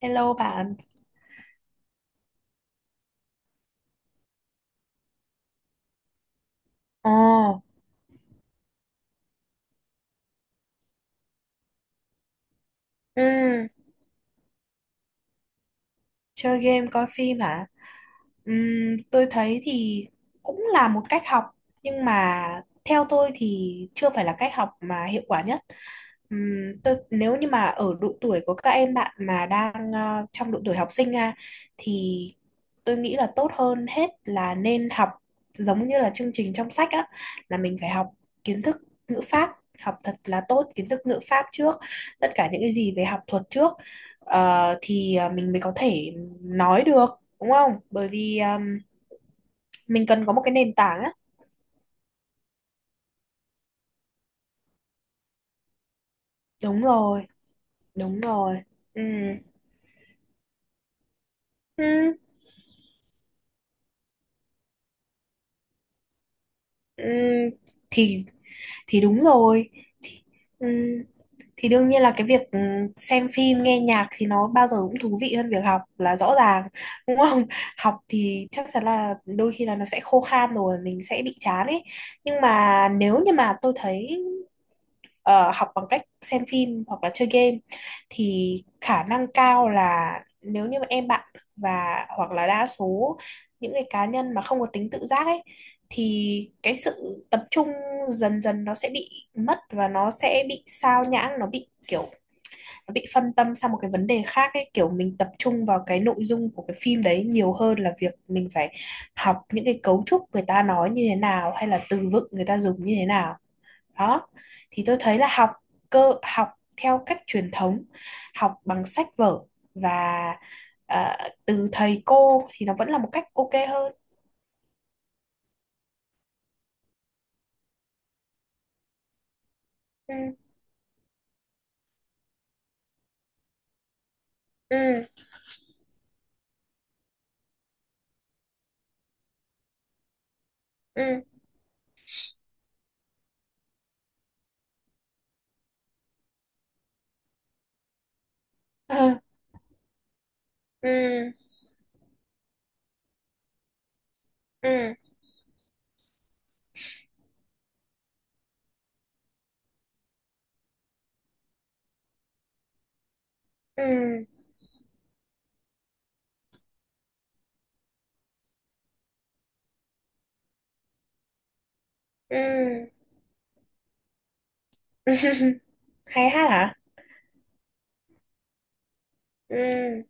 Hello bạn. Ồ. Ừ. Chơi game coi phim hả? Tôi thấy thì cũng là một cách học, nhưng mà theo tôi thì chưa phải là cách học mà hiệu quả nhất. Tôi nếu như mà ở độ tuổi của các em bạn mà đang trong độ tuổi học sinh à, thì tôi nghĩ là tốt hơn hết là nên học giống như là chương trình trong sách á, là mình phải học kiến thức ngữ pháp, học thật là tốt kiến thức ngữ pháp trước, tất cả những cái gì về học thuật trước. Thì mình mới có thể nói được, đúng không? Bởi vì mình cần có một cái nền tảng á. Đúng rồi. Đúng rồi. Ừ. Ừ. Ừ. thì thì đúng rồi. Ừ. Thì đương nhiên là cái việc xem phim nghe nhạc thì nó bao giờ cũng thú vị hơn việc học, là rõ ràng, đúng không? Học thì chắc chắn là đôi khi là nó sẽ khô khan, rồi mình sẽ bị chán ấy. Nhưng mà nếu như mà tôi thấy ờ, học bằng cách xem phim hoặc là chơi game thì khả năng cao là, nếu như mà em bạn và hoặc là đa số những cái cá nhân mà không có tính tự giác ấy, thì cái sự tập trung dần dần nó sẽ bị mất, và nó sẽ bị sao nhãng, nó bị kiểu nó bị phân tâm sang một cái vấn đề khác ấy, kiểu mình tập trung vào cái nội dung của cái phim đấy nhiều hơn là việc mình phải học những cái cấu trúc người ta nói như thế nào, hay là từ vựng người ta dùng như thế nào. Đó thì tôi thấy là học cơ học, theo cách truyền thống, học bằng sách vở và ờ, từ thầy cô thì nó vẫn là một cách ok hơn. Ừ. Ừ. Ừ. Ừ. Ừ. Ừ. Ừ. Ừ. Ừ. Hay hát hả? Ừ.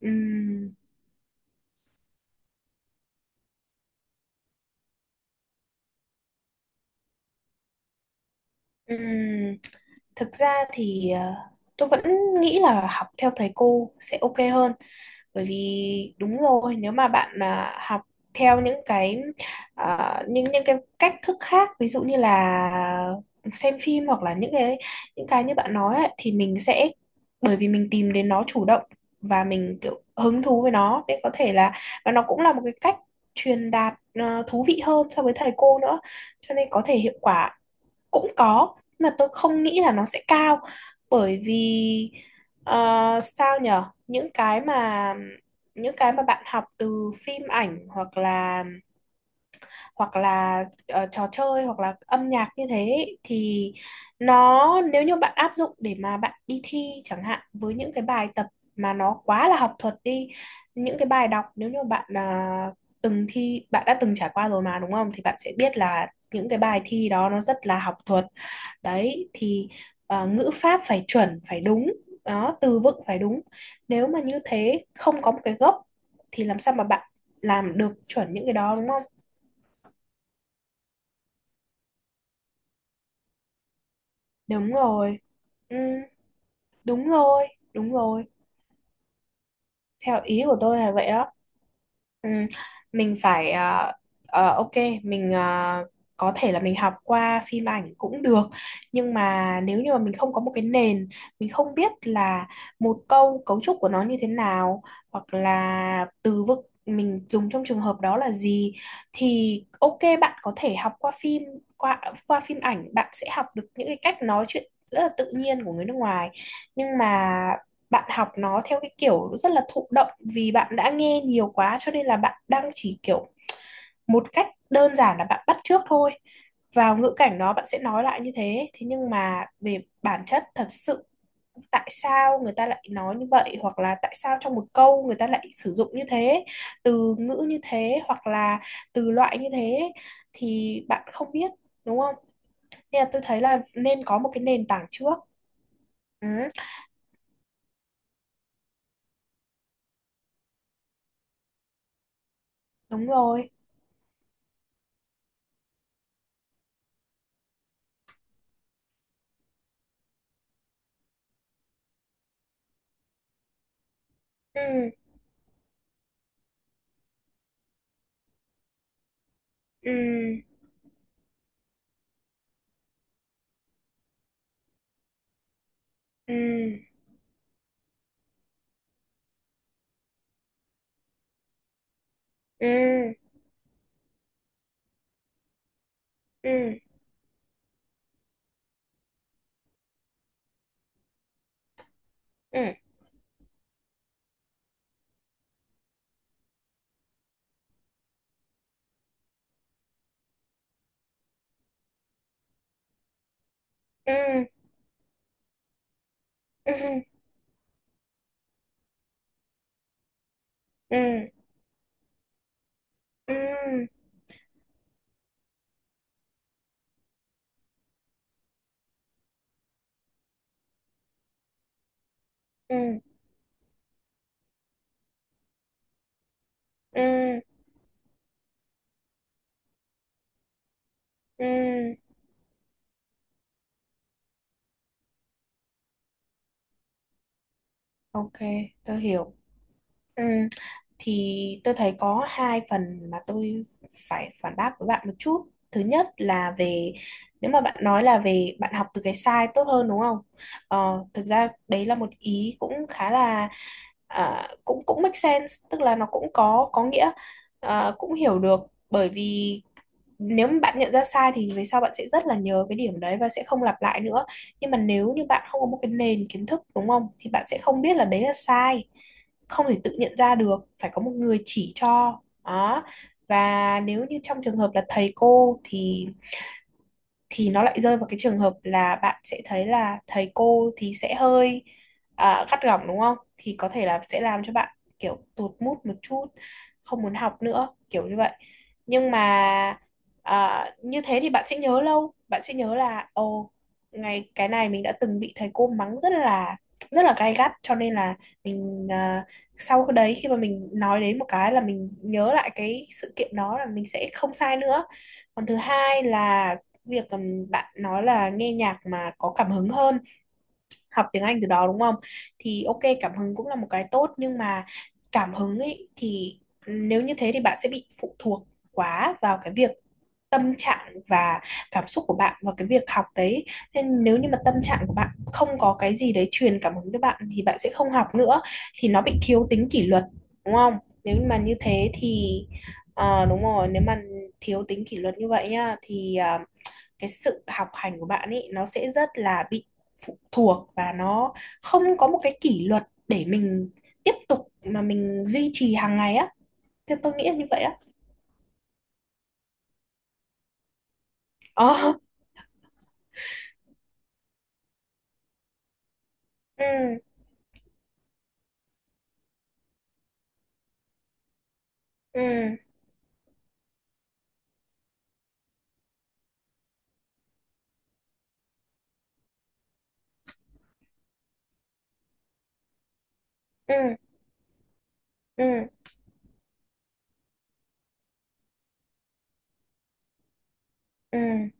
Ừ. Ừ. Thực ra thì tôi vẫn nghĩ là học theo thầy cô sẽ ok hơn, bởi vì đúng rồi, nếu mà bạn học theo những cái cách thức khác, ví dụ như là xem phim, hoặc là những cái như bạn nói ấy, thì mình sẽ, bởi vì mình tìm đến nó chủ động và mình kiểu hứng thú với nó, nên có thể là, và nó cũng là một cái cách truyền đạt thú vị hơn so với thầy cô nữa, cho nên có thể hiệu quả cũng có, mà tôi không nghĩ là nó sẽ cao. Bởi vì ờ, sao nhở, những cái mà bạn học từ phim ảnh, hoặc là trò chơi, hoặc là âm nhạc như thế ấy, thì nó nếu như bạn áp dụng để mà bạn đi thi chẳng hạn, với những cái bài tập mà nó quá là học thuật đi, những cái bài đọc, nếu như bạn từng thi, bạn đã từng trải qua rồi mà đúng không, thì bạn sẽ biết là những cái bài thi đó nó rất là học thuật đấy. Thì ngữ pháp phải chuẩn phải đúng, đó, từ vựng phải đúng. Nếu mà như thế không có một cái gốc thì làm sao mà bạn làm được chuẩn những cái đó, đúng không? Đúng rồi. Ừ, đúng rồi, đúng rồi, theo ý của tôi là vậy đó. Ừ, mình phải ok, mình có thể là mình học qua phim ảnh cũng được, nhưng mà nếu như mà mình không có một cái nền, mình không biết là một câu cấu trúc của nó như thế nào, hoặc là từ vựng mình dùng trong trường hợp đó là gì, thì ok bạn có thể học qua phim, qua qua phim ảnh bạn sẽ học được những cái cách nói chuyện rất là tự nhiên của người nước ngoài. Nhưng mà bạn học nó theo cái kiểu rất là thụ động, vì bạn đã nghe nhiều quá, cho nên là bạn đang chỉ kiểu một cách đơn giản là bạn bắt chước thôi, vào ngữ cảnh nó bạn sẽ nói lại như thế, thế nhưng mà về bản chất thật sự tại sao người ta lại nói như vậy, hoặc là tại sao trong một câu người ta lại sử dụng như thế, từ ngữ như thế hoặc là từ loại như thế, thì bạn không biết, đúng không? Nên là tôi thấy là nên có một cái nền tảng trước. Ừ, đúng rồi. Ừ. Ừ. Ừ. Ừ. Ừ. Ừ. Ừ. Ừ. Ừ. Ừ. Ừ. Ừ. Ừ. OK tôi hiểu. Ừ. Thì tôi thấy có hai phần mà tôi phải phản bác với bạn một chút. Thứ nhất là về, nếu mà bạn nói là về bạn học từ cái sai tốt hơn, đúng không, thực ra đấy là một ý cũng khá là, cũng cũng make sense, tức là nó cũng có nghĩa, cũng hiểu được, bởi vì nếu mà bạn nhận ra sai thì về sau bạn sẽ rất là nhớ cái điểm đấy và sẽ không lặp lại nữa. Nhưng mà nếu như bạn không có một cái nền kiến thức, đúng không, thì bạn sẽ không biết là đấy là sai, không thể tự nhận ra được, phải có một người chỉ cho. Đó, và nếu như trong trường hợp là thầy cô, thì nó lại rơi vào cái trường hợp là bạn sẽ thấy là thầy cô thì sẽ hơi gắt gỏng, đúng không? Thì có thể là sẽ làm cho bạn kiểu tụt mood một chút, không muốn học nữa, kiểu như vậy. Nhưng mà như thế thì bạn sẽ nhớ lâu, bạn sẽ nhớ là ồ, ngày cái này mình đã từng bị thầy cô mắng rất là gay gắt, cho nên là mình sau cái đấy, khi mà mình nói đến một cái là mình nhớ lại cái sự kiện đó, là mình sẽ không sai nữa. Còn thứ hai là việc, bạn nói là nghe nhạc mà có cảm hứng hơn học tiếng Anh từ đó, đúng không, thì ok cảm hứng cũng là một cái tốt, nhưng mà cảm hứng ấy thì, nếu như thế thì bạn sẽ bị phụ thuộc quá vào cái việc tâm trạng và cảm xúc của bạn và cái việc học đấy, nên nếu như mà tâm trạng của bạn không có cái gì đấy truyền cảm hứng cho bạn thì bạn sẽ không học nữa, thì nó bị thiếu tính kỷ luật, đúng không? Nếu mà như thế thì đúng rồi, nếu mà thiếu tính kỷ luật như vậy nhá, thì cái sự học hành của bạn ấy nó sẽ rất là bị phụ thuộc, và nó không có một cái kỷ luật để mình tiếp tục mà mình duy trì hàng ngày á. Thì tôi nghĩ là như vậy á. Ờ. Ừ. Ừ. Ừ. Ừ. Ừ.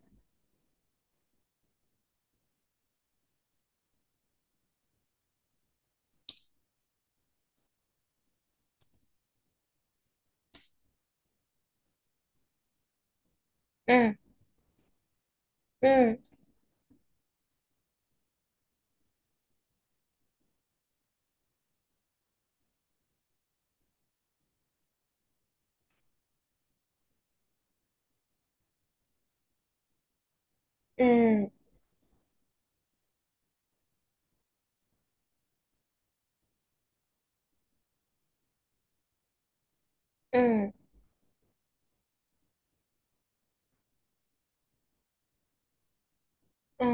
Ừ. Ừ. Ừ. Ừ. Ừ.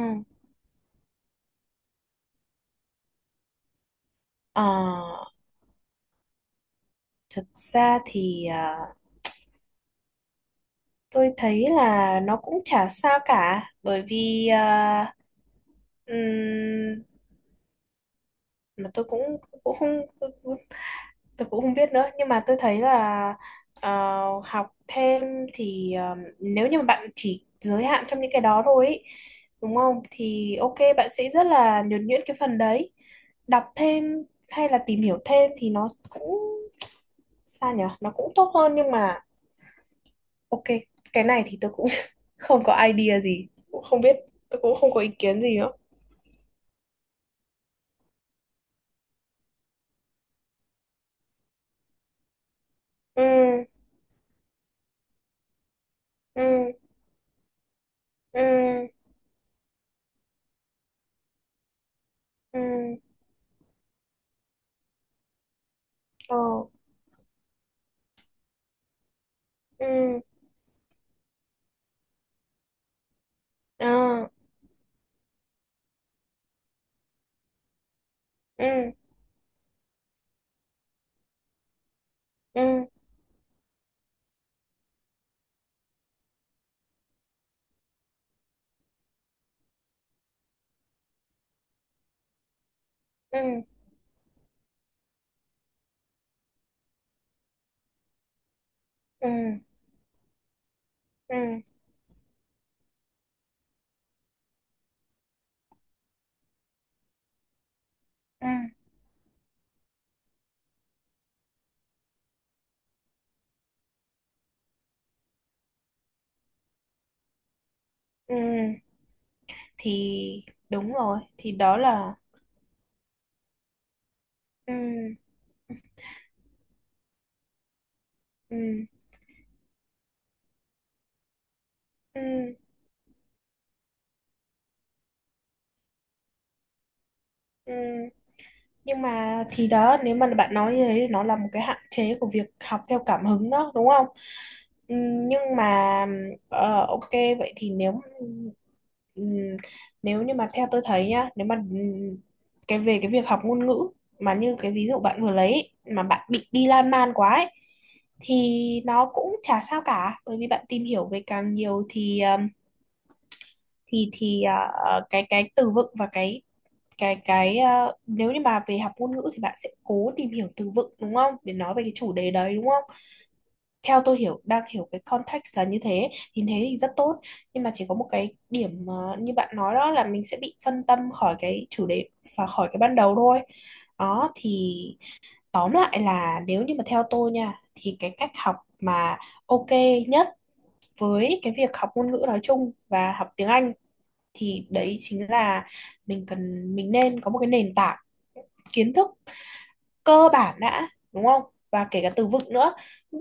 Ờ. Thực ra thì tôi thấy là nó cũng chả sao cả, bởi vì ừm, mà tôi cũng cũng không, tôi, tôi cũng không biết nữa. Nhưng mà tôi thấy là ờ, học thêm thì nếu như mà bạn chỉ giới hạn trong những cái đó thôi ý, đúng không, thì ok bạn sẽ rất là nhuần nhuyễn cái phần đấy. Đọc thêm hay là tìm hiểu thêm thì nó cũng sao nhở, nó cũng tốt hơn, nhưng mà ok, cái này thì tôi cũng không có idea gì, cũng không biết, tôi cũng không có ý kiến gì nữa. Ừ. Ừ. Ừ. Ừ. Ờ. Ừ. Ờ. Ừ. Ừ. Ừ. Ừ. Ừ. Ừ. Ừ. Thì đúng rồi, thì đó là. Ừ. Ừ. Ừ. Ừ. Nhưng mà thì đó, nếu mà bạn nói như thế thì nó là một cái hạn chế của việc học theo cảm hứng đó, đúng không? Nhưng mà ok, vậy thì nếu ừm, nếu như mà theo tôi thấy nhá, nếu mà cái về cái việc học ngôn ngữ mà như cái ví dụ bạn vừa lấy ấy, mà bạn bị đi lan man quá ấy, thì nó cũng chả sao cả, bởi vì bạn tìm hiểu về càng nhiều thì, thì cái từ vựng và nếu như mà về học ngôn ngữ thì bạn sẽ cố tìm hiểu từ vựng, đúng không, để nói về cái chủ đề đấy, đúng không, theo tôi hiểu đang hiểu cái context là như thế, thì thế thì rất tốt. Nhưng mà chỉ có một cái điểm, như bạn nói, đó là mình sẽ bị phân tâm khỏi cái chủ đề và khỏi cái ban đầu thôi. Đó thì tóm lại là, nếu như mà theo tôi nha, thì cái cách học mà ok nhất với cái việc học ngôn ngữ nói chung và học tiếng Anh, thì đấy chính là mình cần, mình nên có một cái nền tảng kiến thức cơ bản đã, đúng không, và kể cả từ vựng nữa.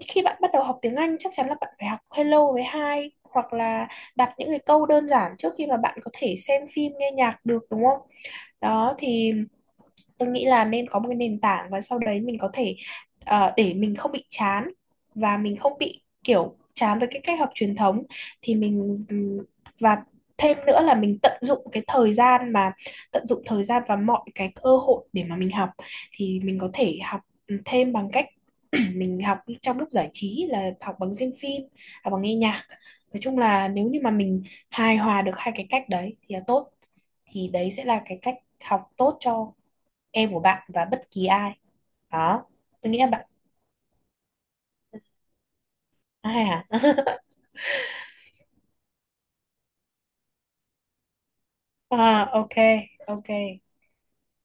Khi bạn bắt đầu học tiếng Anh chắc chắn là bạn phải học hello với hi, hoặc là đặt những cái câu đơn giản trước khi mà bạn có thể xem phim nghe nhạc được, đúng không? Đó thì tôi nghĩ là nên có một cái nền tảng, và sau đấy mình có thể để mình không bị chán, và mình không bị kiểu chán với cái cách học truyền thống, thì mình, và thêm nữa là mình tận dụng cái thời gian, mà tận dụng thời gian và mọi cái cơ hội để mà mình học, thì mình có thể học thêm bằng cách mình học trong lúc giải trí, là học bằng xem phim, học bằng nghe nhạc. Nói chung là nếu như mà mình hài hòa được hai cái cách đấy thì là tốt, thì đấy sẽ là cái cách học tốt cho em của bạn và bất kỳ ai. Đó, tôi nghĩ là bạn hay hả? À, ok. OK.